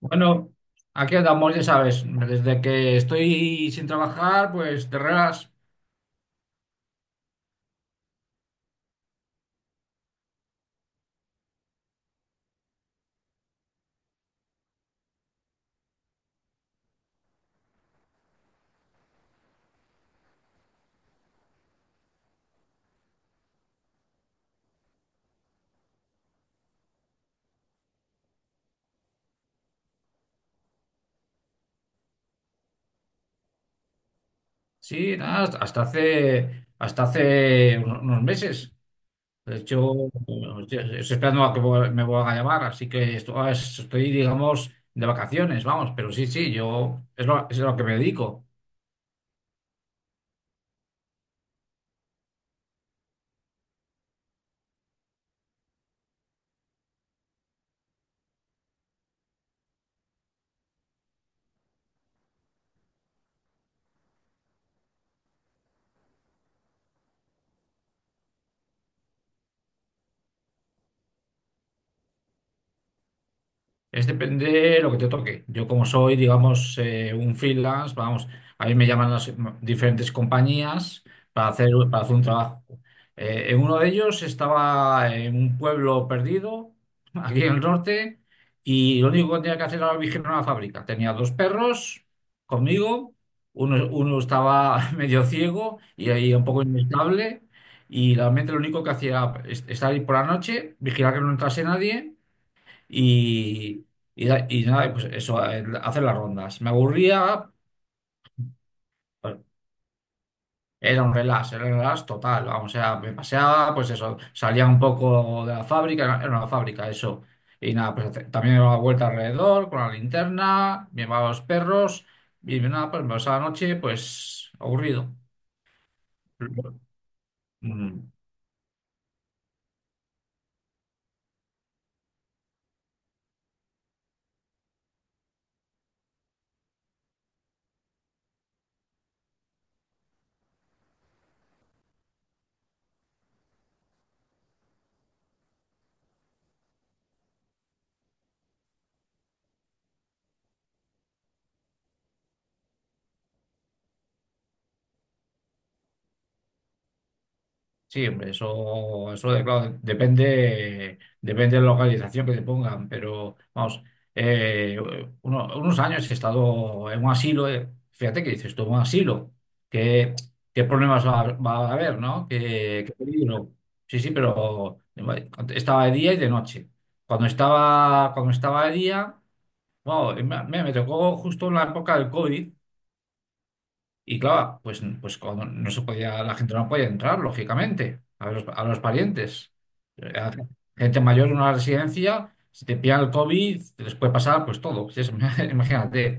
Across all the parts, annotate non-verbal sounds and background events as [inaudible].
Bueno, aquí andamos, ya sabes, desde que estoy sin trabajar, pues te regas, sí, nada, hasta hace unos meses. De hecho, estoy esperando a que me vuelvan a llamar, así que estoy, digamos, de vacaciones, vamos, pero sí, sí, yo es lo, es a lo que me dedico. Es depende de lo que te toque. Yo como soy, digamos, un freelance, vamos, a mí me llaman diferentes compañías para hacer un trabajo. En uno de ellos estaba en un pueblo perdido, [laughs] aquí en el norte, y lo único que tenía que hacer era vigilar una fábrica. Tenía dos perros conmigo, uno estaba [laughs] medio ciego y ahí un poco inestable, y realmente lo único que hacía era estar ahí por la noche, vigilar que no entrase nadie y, y nada, pues eso, hacer las rondas. Me aburría, pues, era un relax total, vamos, o sea, me paseaba, pues eso, salía un poco de la fábrica, era una fábrica eso. Y nada, pues también me daba vuelta alrededor con la linterna, me llevaba los perros y nada, pues me pasaba la noche, pues aburrido. Mm. Sí, hombre, claro, depende de la localización que te pongan, pero vamos, eh, unos años he estado en un asilo, fíjate que dices tú, un asilo, ¿qué, qué problemas va a haber, ¿no? ¿Qué peligro? Sí, sí, pero estaba de día y de noche. Cuando estaba de día, bueno, me tocó justo en la época del COVID y claro, pues cuando no se podía, la gente no podía entrar, lógicamente, a los parientes. A Gente mayor en una residencia, si te pillan el COVID, les puede pasar pues todo. Si es- [laughs] imagínate.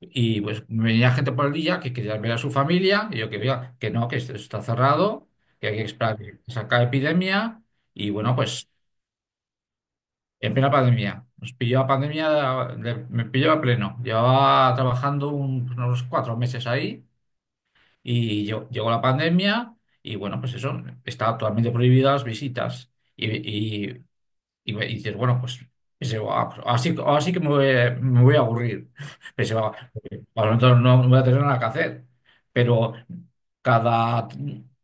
Y pues venía gente por el día que quería ver a su familia, y yo que veía que no, que esto está cerrado, que hay que esperar que se acabe la epidemia. Y bueno, pues en plena pandemia. Nos pilló la pandemia, me pilló a pleno. Llevaba trabajando unos cuatro meses ahí. Y llegó la pandemia y bueno, pues eso, está totalmente prohibidas las visitas. Y, y dices, bueno, pues pensé, "Ah, pues así que me voy a aburrir." [laughs] Pensé, "Ah, bueno, entonces no voy a tener nada que hacer." Pero cada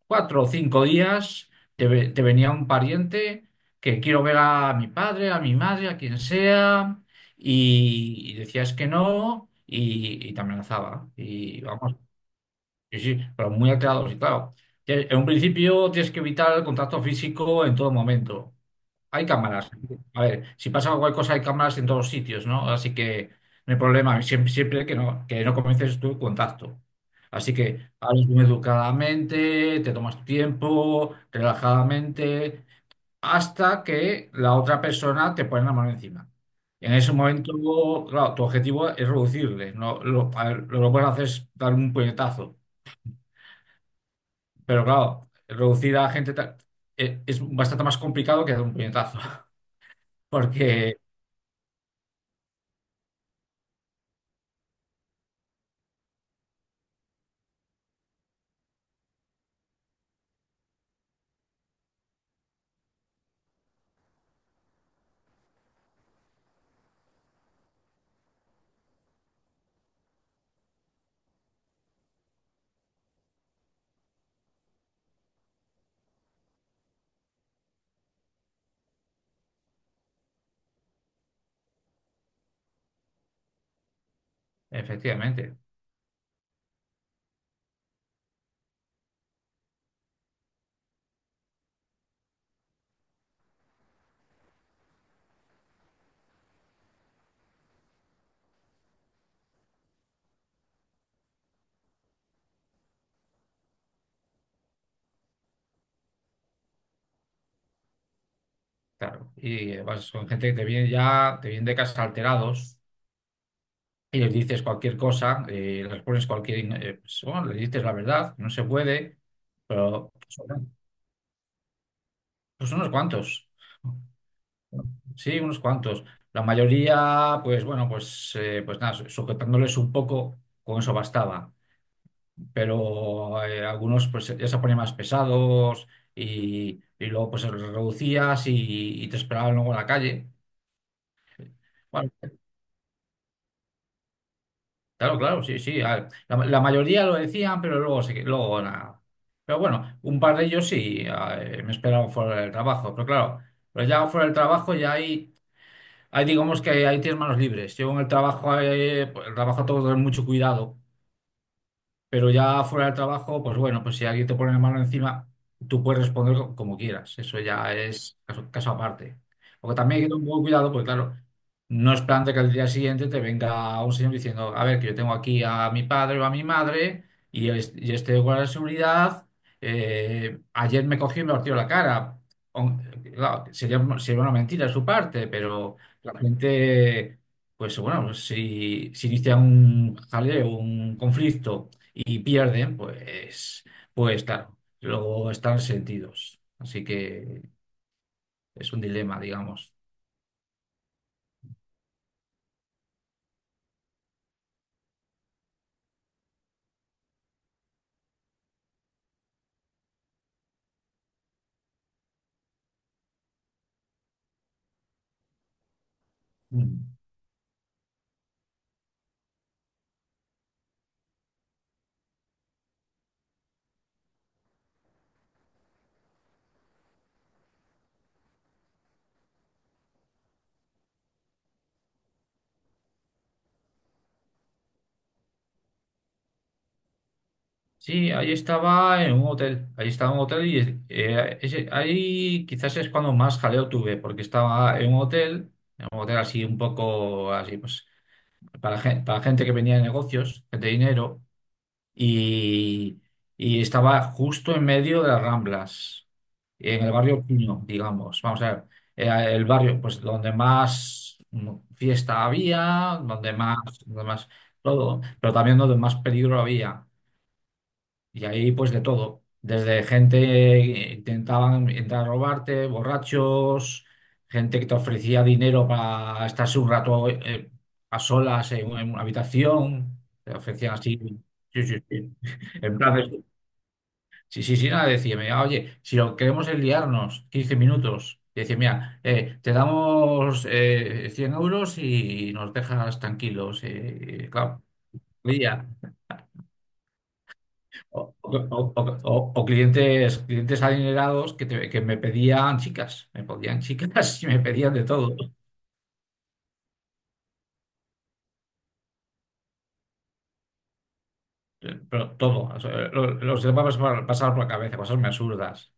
cuatro o cinco días te venía un pariente que quiero ver a mi padre, a mi madre, a quien sea, y decías que no. Y te amenazaba. Y vamos, sí, sí, pero muy alterados. Y claro, que en un principio tienes que evitar el contacto físico en todo momento. Hay cámaras. A ver, si pasa cualquier cosa, hay cámaras en todos los sitios, ¿no? Así que no hay problema. Siempre que no comiences tu contacto. Así que hablas muy educadamente, te tomas tu tiempo, relajadamente, hasta que la otra persona te pone la mano encima. En ese momento, claro, tu objetivo es reducirle, ¿no? A ver, lo que puedes hacer es dar un puñetazo. Pero claro, reducir a gente es bastante más complicado que dar un puñetazo, [laughs] porque efectivamente, claro, y vas con gente que te viene de casa alterados y les dices cualquier cosa, les pones pues, bueno, les dices la verdad, no se puede, pero son, pues, unos cuantos, sí, unos cuantos. La mayoría, pues bueno, pues, pues nada, sujetándoles un poco, con eso bastaba. Pero algunos pues ya se ponían más pesados y luego pues reducías y te esperaban luego en la calle. Bueno, claro, claro, sí, sí. La, la mayoría lo decían, pero luego, luego nada. Pero bueno, un par de ellos sí me esperaban fuera del trabajo. Pero claro, pues ya fuera del trabajo ya hay digamos que hay, tienes manos libres. Yo en el trabajo, pues, el trabajo todo es mucho cuidado. Pero ya fuera del trabajo, pues bueno, pues si alguien te pone la mano encima, tú puedes responder como quieras. Eso ya es caso aparte. Porque también hay que tener un poco de cuidado, porque claro, no es plan de que al día siguiente te venga un señor diciendo, a ver, que yo tengo aquí a mi padre o a mi madre y, y este guardia de seguridad ayer me cogió y me partió la cara. O- claro, sería una mentira de su parte, pero la gente, pues bueno, pues si inicia un jaleo, un conflicto y pierden, pues claro, luego están sentidos. Así que es un dilema, digamos. Mm. Sí, ahí estaba en un hotel, ahí estaba en un hotel y ahí quizás es cuando más jaleo tuve, porque estaba en un hotel así un poco así, pues para gente que venía de negocios, gente de dinero. y, y estaba justo en medio de las Ramblas, en el barrio Puño, digamos. Vamos a ver, el barrio pues donde más fiesta había, donde más, todo, pero también donde más peligro había. Y ahí pues de todo, desde gente que intentaban entrar a robarte, borrachos, gente que te ofrecía dinero para estarse un rato a solas en una habitación, te ofrecían así, sí, sí, sí, [laughs] en plan, sí, sí, sí, nada, decía, mira, oye, si lo que queremos es liarnos 15 minutos, y decía, mira, te damos 100 € y nos dejas tranquilos, claro, día. O clientes, adinerados que, que me pedían chicas, me podían chicas [laughs] y me pedían de todo, pero todo, o sea, los demás pasar por la cabeza, cosas muy absurdas.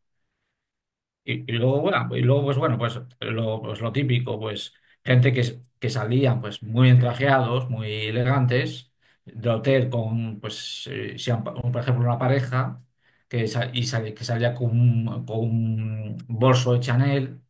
Y luego, bueno, pues bueno, pues lo típico, pues gente que, que salían pues muy entrajeados, muy elegantes, de hotel con, pues, si han- por ejemplo, una pareja que, que salía con un bolso de Chanel.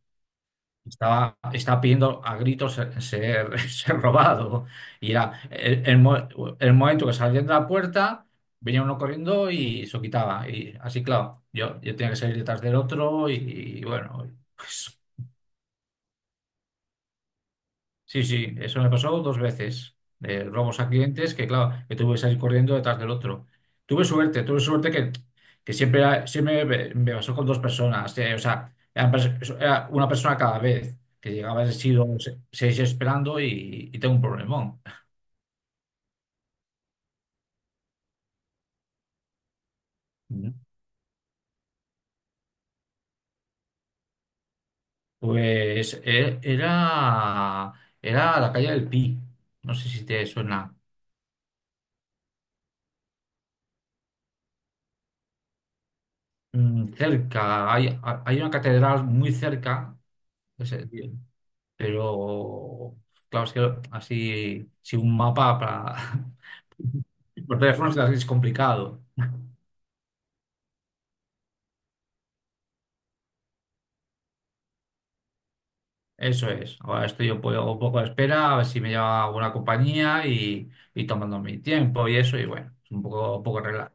Estaba pidiendo a gritos [laughs] ser robado. Y era el momento que salían de la puerta, venía uno corriendo y se lo quitaba. Y así, claro, yo tenía que salir detrás del otro y, bueno, pues, sí, sí, eso me pasó dos veces. Robos a clientes que, claro, que tuve que salir corriendo detrás del otro. Tuve suerte que, siempre, siempre me pasó con dos personas. O sea, eran era una persona cada vez que llegaba, he sido seis esperando y tengo un problemón. Ujú. Pues era la calle del Pi. No sé si te suena. Cerca, hay una catedral muy cerca. Pero, claro, es que así, si un mapa para... [laughs] Por teléfono es casi es complicado. Eso es. Ahora estoy un poco a la espera, a ver si me llama alguna compañía y tomando mi tiempo y eso, y bueno, es un poco relax.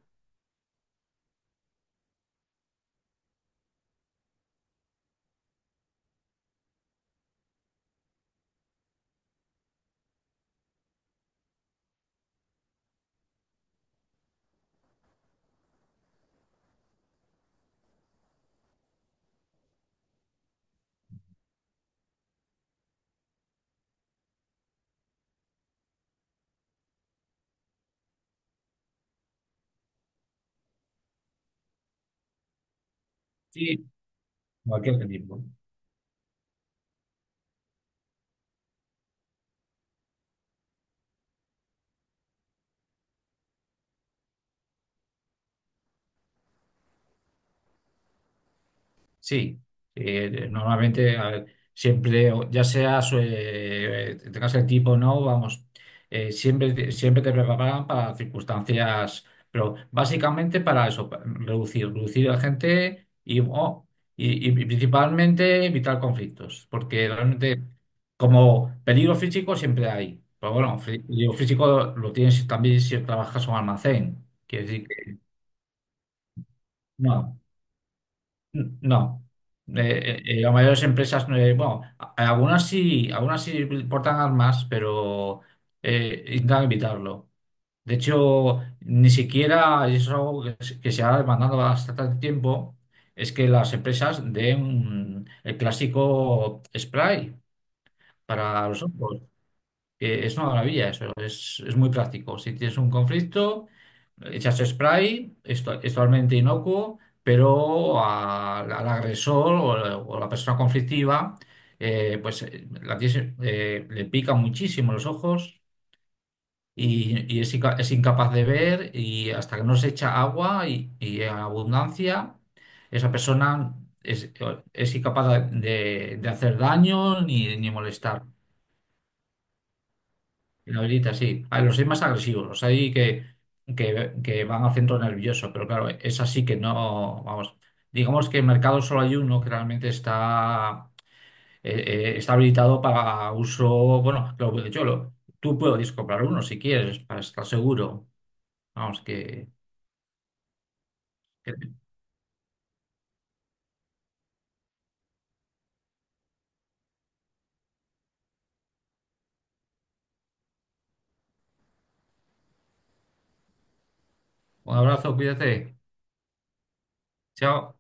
Sí, cualquier tiempo. Sí, normalmente a ver, siempre, tengas el tipo o no, vamos, siempre, siempre te preparan para circunstancias, pero básicamente para eso, reducir a gente y principalmente evitar conflictos, porque realmente como peligro físico siempre hay, pero bueno, peligro físico lo tienes también si trabajas en un almacén, quiere decir que no. No. Las mayores empresas, algunas sí portan armas, pero intentan evitarlo. De hecho, ni siquiera, y eso es algo se que se ha demandado bastante tiempo, es que las empresas den el clásico spray para los ojos que es una maravilla eso, es muy práctico. Si tienes un conflicto, echas spray, esto es totalmente inocuo, pero al agresor o la persona conflictiva, la tienes, le pica muchísimo los ojos y es, es incapaz de ver y hasta que no se echa agua y en abundancia, esa persona es, es, incapaz de hacer daño ni molestar. La habilita, sí. A los hay más agresivos, los hay que, que van al centro nervioso, pero claro, es así que no, vamos, digamos que en mercado solo hay uno que realmente está, está habilitado para uso, bueno, lo, de hecho, tú puedes comprar uno si quieres, para estar seguro. Vamos, que que- un abrazo, cuídate, chao.